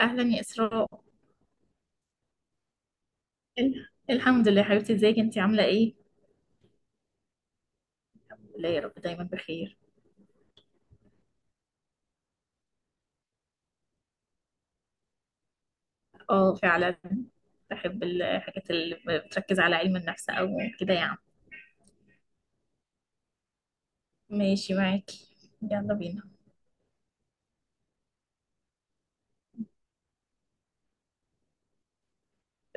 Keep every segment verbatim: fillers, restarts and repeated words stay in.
اهلا يا اسراء. ال- الحمد لله يا حبيبتي، ازيك انت عامله ايه؟ لا يا رب دايما بخير. اه فعلا، بحب الحاجات اللي بتركز على علم النفس او كده يعني. ماشي معاكي، يلا بينا.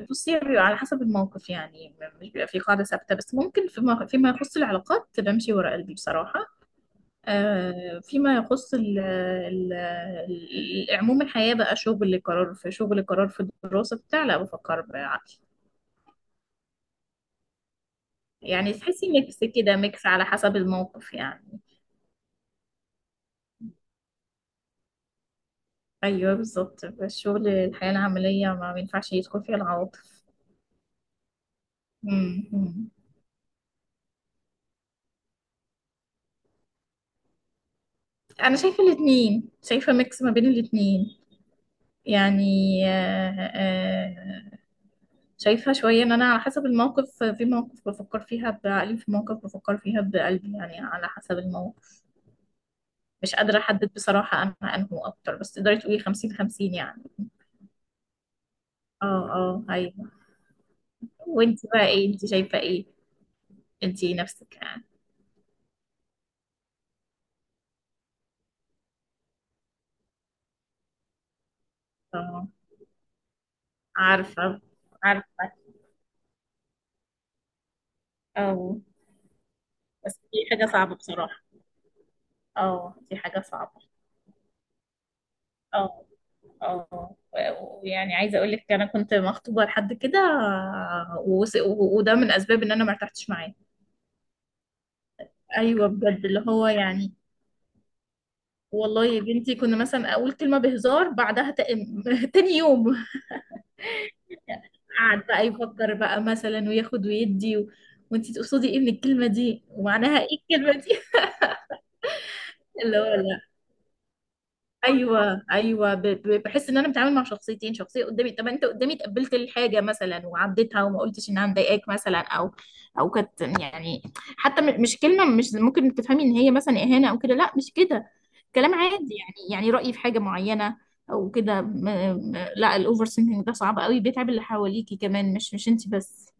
بصي بيبقى على حسب الموقف يعني، م- مش بيبقى في قاعده ثابته، بس ممكن فيما فيما يخص العلاقات بمشي ورا قلبي بصراحه. آه فيما يخص ال ال ال- عموم الحياه بقى شغل، قرار في شغل، قرار في الدراسه بتاع، لا بفكر. يعني تحسي ميكس كده، ميكس على حسب الموقف يعني. ايوه بالظبط، الشغل الحياه العمليه ما بينفعش يدخل فيها العواطف. مم. مم. انا شايفه الاثنين، شايفه ميكس ما بين الاثنين يعني. آه، آه، شايفه شويه ان انا على حسب الموقف، في مواقف بفكر فيها بعقلي، في مواقف بفكر فيها بقلبي يعني على حسب الموقف. مش قادره احدد بصراحه انا انه اكتر، بس تقدري تقولي خمسين خمسين يعني. اه اه ايوه. وانت بقى ايه، انت شايفه ايه انت نفسك يعني؟ اه، عارفة، عارفة، اه. بس دي حاجة صعبة بصراحة، اه دي حاجة صعبة. اه اه، و- ويعني عايزة اقول لك انا كنت مخطوبة لحد كده، وس- و- وده من اسباب ان انا ما ارتحتش معاه. ايوه بجد اللي هو يعني. والله يا بنتي كنا مثلا اقول كلمة بهزار، بعدها ت- تاني يوم قعد بقى يفكر بقى مثلا وياخد ويدي و... وانتي تقصدي ايه من الكلمة دي، ومعناها ايه الكلمة دي. اللي هو لا. ايوه ايوه، ب- ب- بحس ان انا بتعامل مع شخصيتين، شخصيه قدامي طب انت قدامي تقبلت الحاجه مثلا وعديتها وما قلتش انها مضايقاك مثلا او او كانت يعني، حتى م- مش كلمه مش ممكن تفهمي ان هي مثلا اهانه او كده، لا مش كده. كلام عادي يعني، يعني رايي في حاجه معينه او كده. م- م- لا الاوفر سينكينج ده صعب قوي، بيتعب اللي حواليكي كمان مش مش انت بس.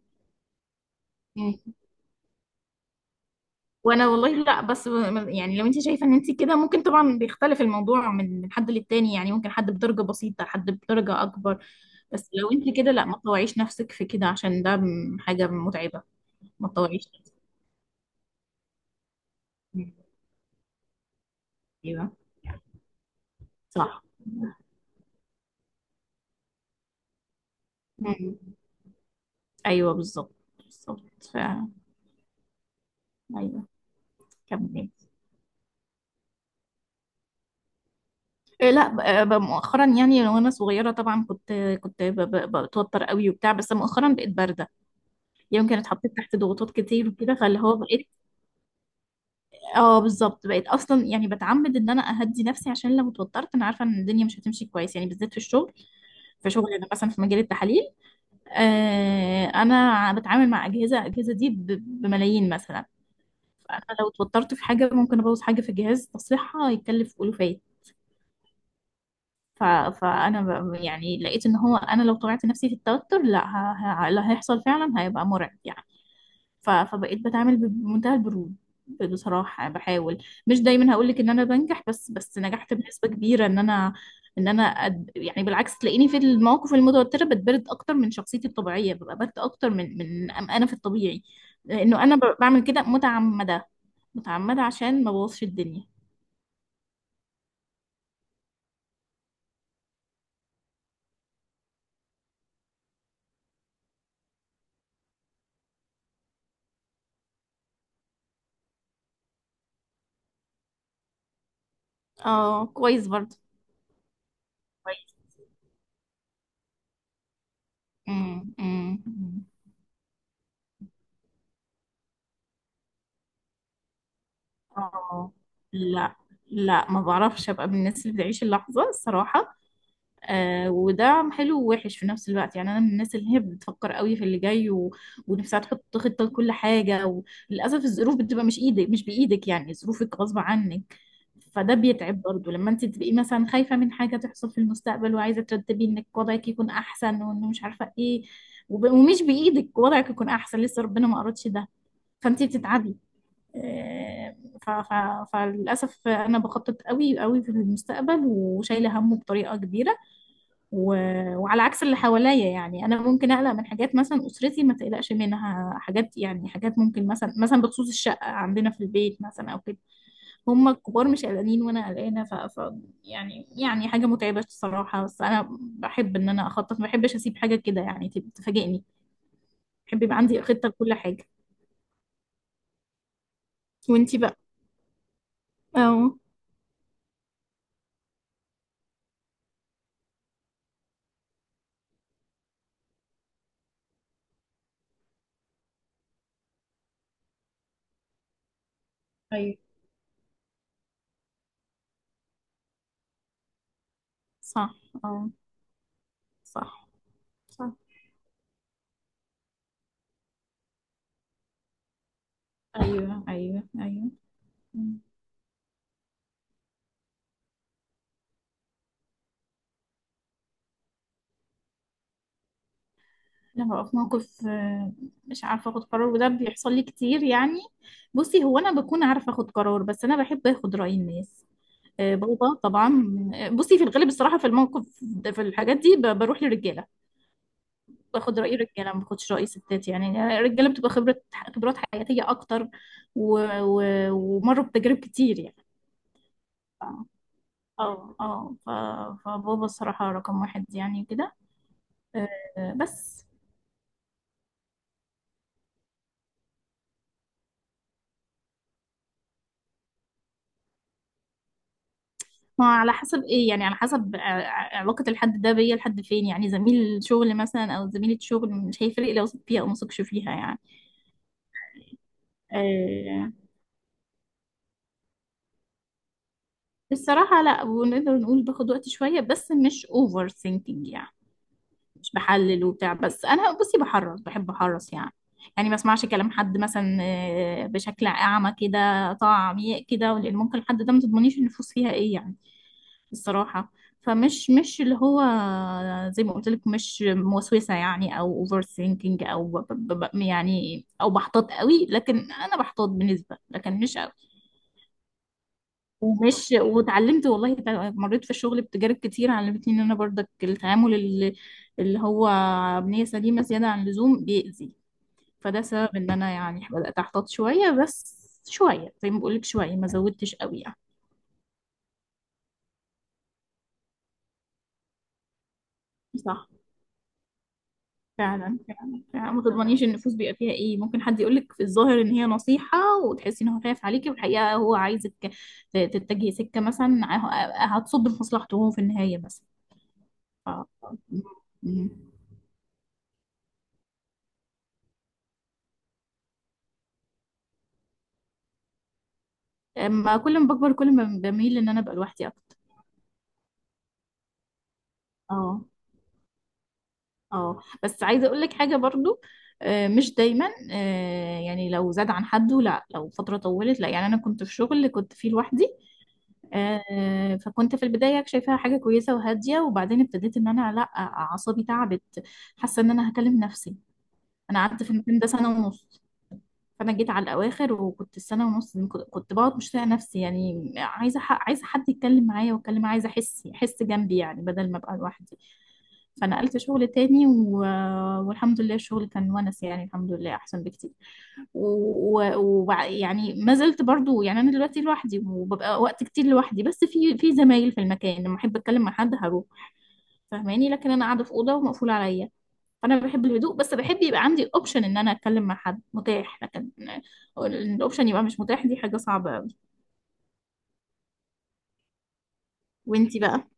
وانا والله لا بس، يعني لو انت شايفه ان انت كده، ممكن طبعا بيختلف الموضوع من من حد للتاني يعني، ممكن حد بدرجه بسيطه، حد بدرجه اكبر. بس لو انت كده لا ما تطوعيش نفسك في كده، عشان ده م- حاجه متعبه. ما تطوعيش نفسك في، ايوه صح. مم. ايوه بالظبط بالظبط ف... ايوه. كملي. إيه، لا، ب- ب- مؤخرا يعني. وانا صغيره طبعا كنت كنت ب- ب- بتوتر قوي وبتاع، بس مؤخرا بقيت بارده. يمكن اتحطيت تحت ضغوطات كتير وكده، فاللي هو بقيت، اه بالظبط. بقيت اصلا يعني بتعمد ان انا اهدي نفسي، عشان لو اتوترت انا عارفه ان الدنيا مش هتمشي كويس يعني، بالذات في الشغل. في شغل انا مثلا في مجال التحاليل، آه انا بتعامل مع اجهزه، الاجهزه دي ب- بملايين مثلا. فانا لو اتوترت في حاجه ممكن ابوظ حاجه في الجهاز تصليحها يتكلف الوفات. ف... فانا ب... يعني لقيت ان هو انا لو طبعت نفسي في التوتر لا، ه... ه... اللي هيحصل فعلا هيبقى مرعب يعني. ف- فبقيت بتعامل بمنتهى البرود. بصراحة بحاول، مش دايما هقولك ان انا بنجح، بس بس نجحت بنسبة كبيرة ان انا، ان انا أد... يعني بالعكس تلاقيني في المواقف المتوترة بتبرد اكتر من شخصيتي الطبيعية، ببقى برد اكتر من من أم- انا في الطبيعي. لانه انا ب- بعمل كده متعمدة، متعمدة عشان ما بوظش الدنيا. اه كويس برضه، كويس. امم امم أمم. اه لا، لا ما بعرفش ابقى من الناس اللي بتعيش اللحظة الصراحة. آه وده حلو ووحش في نفس الوقت يعني، انا من الناس اللي هي بتفكر قوي في اللي جاي و... ونفسها تحط خطه لكل حاجه. وللاسف الظروف بتبقى مش ايدك، مش بايدك يعني، ظروفك غصب عنك. فده بيتعب برضو لما انت تبقي مثلا خايفه من حاجه تحصل في المستقبل، وعايزه ترتبي انك وضعك يكون احسن، وانه مش عارفه ايه. وب... ومش بايدك وضعك يكون احسن، لسه ربنا ما اردش ده. فانت بتتعبي. آه، ف... ف... فللاسف انا بخطط قوي قوي في المستقبل، وشايله همه بطريقه كبيره. و... وعلى عكس اللي حواليا يعني، انا ممكن اقلق من حاجات مثلا اسرتي ما تقلقش منها. حاجات يعني، حاجات ممكن مثلا، مثلا بخصوص الشقه عندنا في البيت مثلا او كده. هم الكبار مش قلقانين وانا قلقانه. ف... ف يعني، يعني حاجه متعبه الصراحه. بس انا بحب ان انا اخطط، ما بحبش اسيب حاجه كده يعني تب- تفاجئني. بحب يبقى عندي خطه لكل حاجه. وانتي بقى؟ اه ايوه صح، اه صح صح، ايوه ايوه ايوه. لما ببقى في موقف آه، مش عارفة اخد قرار، وده بيحصل لي كتير يعني. بصي هو انا بكون عارفة اخد قرار، بس انا بحب اخد رأي الناس. آه بابا طبعا. آه بصي في الغالب الصراحة في الموقف ده- في الحاجات دي ب- بروح للرجالة. باخد رأي الرجالة، ما باخدش رأي ستات يعني. الرجالة بتبقى خبرة، خبرات حياتية اكتر و... و... ومروا بتجارب كتير يعني. ف- اه اه ف... فبابا الصراحة رقم واحد يعني كده. آه بس. ما على حسب ايه يعني، على حسب ع- ع- علاقة الحد ده بيا لحد فين يعني. زميل شغل مثلا او زميلة شغل مش هيفرق لو وثق فيها او ما وثقش فيها يعني. آه الصراحة لا، ونقدر نقول باخد وقت شوية، بس مش اوفر ثينكينج يعني. مش بحلل وبتاع، بس انا بصي بحرص، بحب احرص يعني. يعني ما اسمعش كلام حد مثلا آه، بشكل اعمى كده، طاعة عميق كده، لان ممكن الحد ده ما تضمنيش النفوس فيها ايه يعني الصراحة. فمش مش اللي هو زي ما قلت لك مش موسوسة يعني، او اوفر ثينكينج، او ب- ب- ب- يعني او بحتاط قوي. لكن انا بحتاط بنسبة، لكن مش قوي. ومش واتعلمت والله، تع- مريت في الشغل بتجارب كتير علمتني ان انا برضك التعامل اللي، اللي هو بنية سليمة زيادة عن اللزوم بيأذي. فده سبب ان انا يعني بدأت احتاط شوية بس، شوية زي ما بقولك، شوية ما زودتش قوي يعني. صح فعلا فعلا فعلا. ما تضمنيش النفوس بيبقى فيها ايه، ممكن حد يقولك في الظاهر ان هي نصيحة، وتحسي ان هو خايف عليكي، والحقيقة هو عايزك ت- تتجهي سكة مثلا ه- هتصب في مصلحته هو في النهاية بس. ف... م- ما كل ما بكبر كل ما بميل ان انا ابقى لوحدي اكتر. اه اه، بس عايزه اقول لك حاجه برضو، آه مش دايما. آه يعني لو زاد عن حده لا، لو فتره طولت لا. يعني انا كنت في شغل كنت فيه لوحدي، آه فكنت في البدايه شايفاها حاجه كويسه وهاديه، وبعدين ابتديت ان انا لا، اعصابي تعبت. حاسه ان انا هكلم نفسي. انا قعدت في المكان ده سنه ونص، فانا جيت على الاواخر، وكنت السنه ونص دي كنت كنت بقعد مش طايقه نفسي يعني. عايزه ح- عايزه حد يتكلم معايا واتكلم معايا، عايزه احس، احس جنبي يعني بدل ما ابقى لوحدي. فنقلت شغل تاني و... والحمد لله الشغل كان ونس يعني، الحمد لله احسن بكتير. ويعني و... وبع- يعني ما زلت برضو. يعني انا دلوقتي لوحدي وببقى وقت كتير لوحدي، بس في في زمايل في المكان لما احب اتكلم مع حد هروح. فاهماني، لكن انا قاعده في اوضه ومقفوله عليا. فانا بحب الهدوء، بس بحب يبقى عندي اوبشن ان انا اتكلم مع حد متاح، لكن إن الاوبشن يبقى مش متاح دي حاجه صعبه قوي. وانتي بقى؟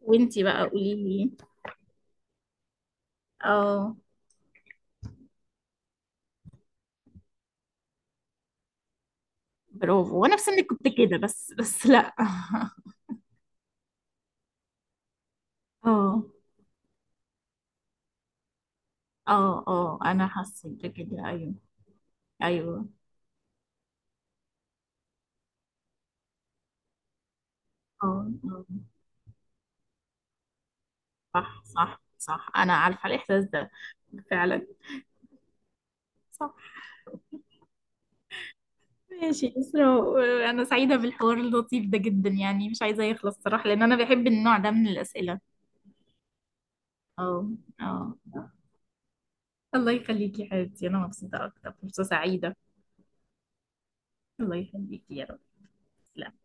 وانتي بقى قولي لي. اه برافو، وانا في سنك كنت كده، بس بس لا. اه اه اه انا حسيت بكده ايوه ايوه، اه آه. صح صح صح، انا عارفه الاحساس ده فعلا. صح. ماشي إسراء، أنا سعيدة بالحوار اللطيف ده جدا يعني، مش عايزة يخلص صراحة، لأن أنا بحب النوع ده من الأسئلة. اه اه. الله يخليكي يا حبيبتي، انا مبسوطة اكتر، فرصة سعيدة. الله يخليكي يا رب.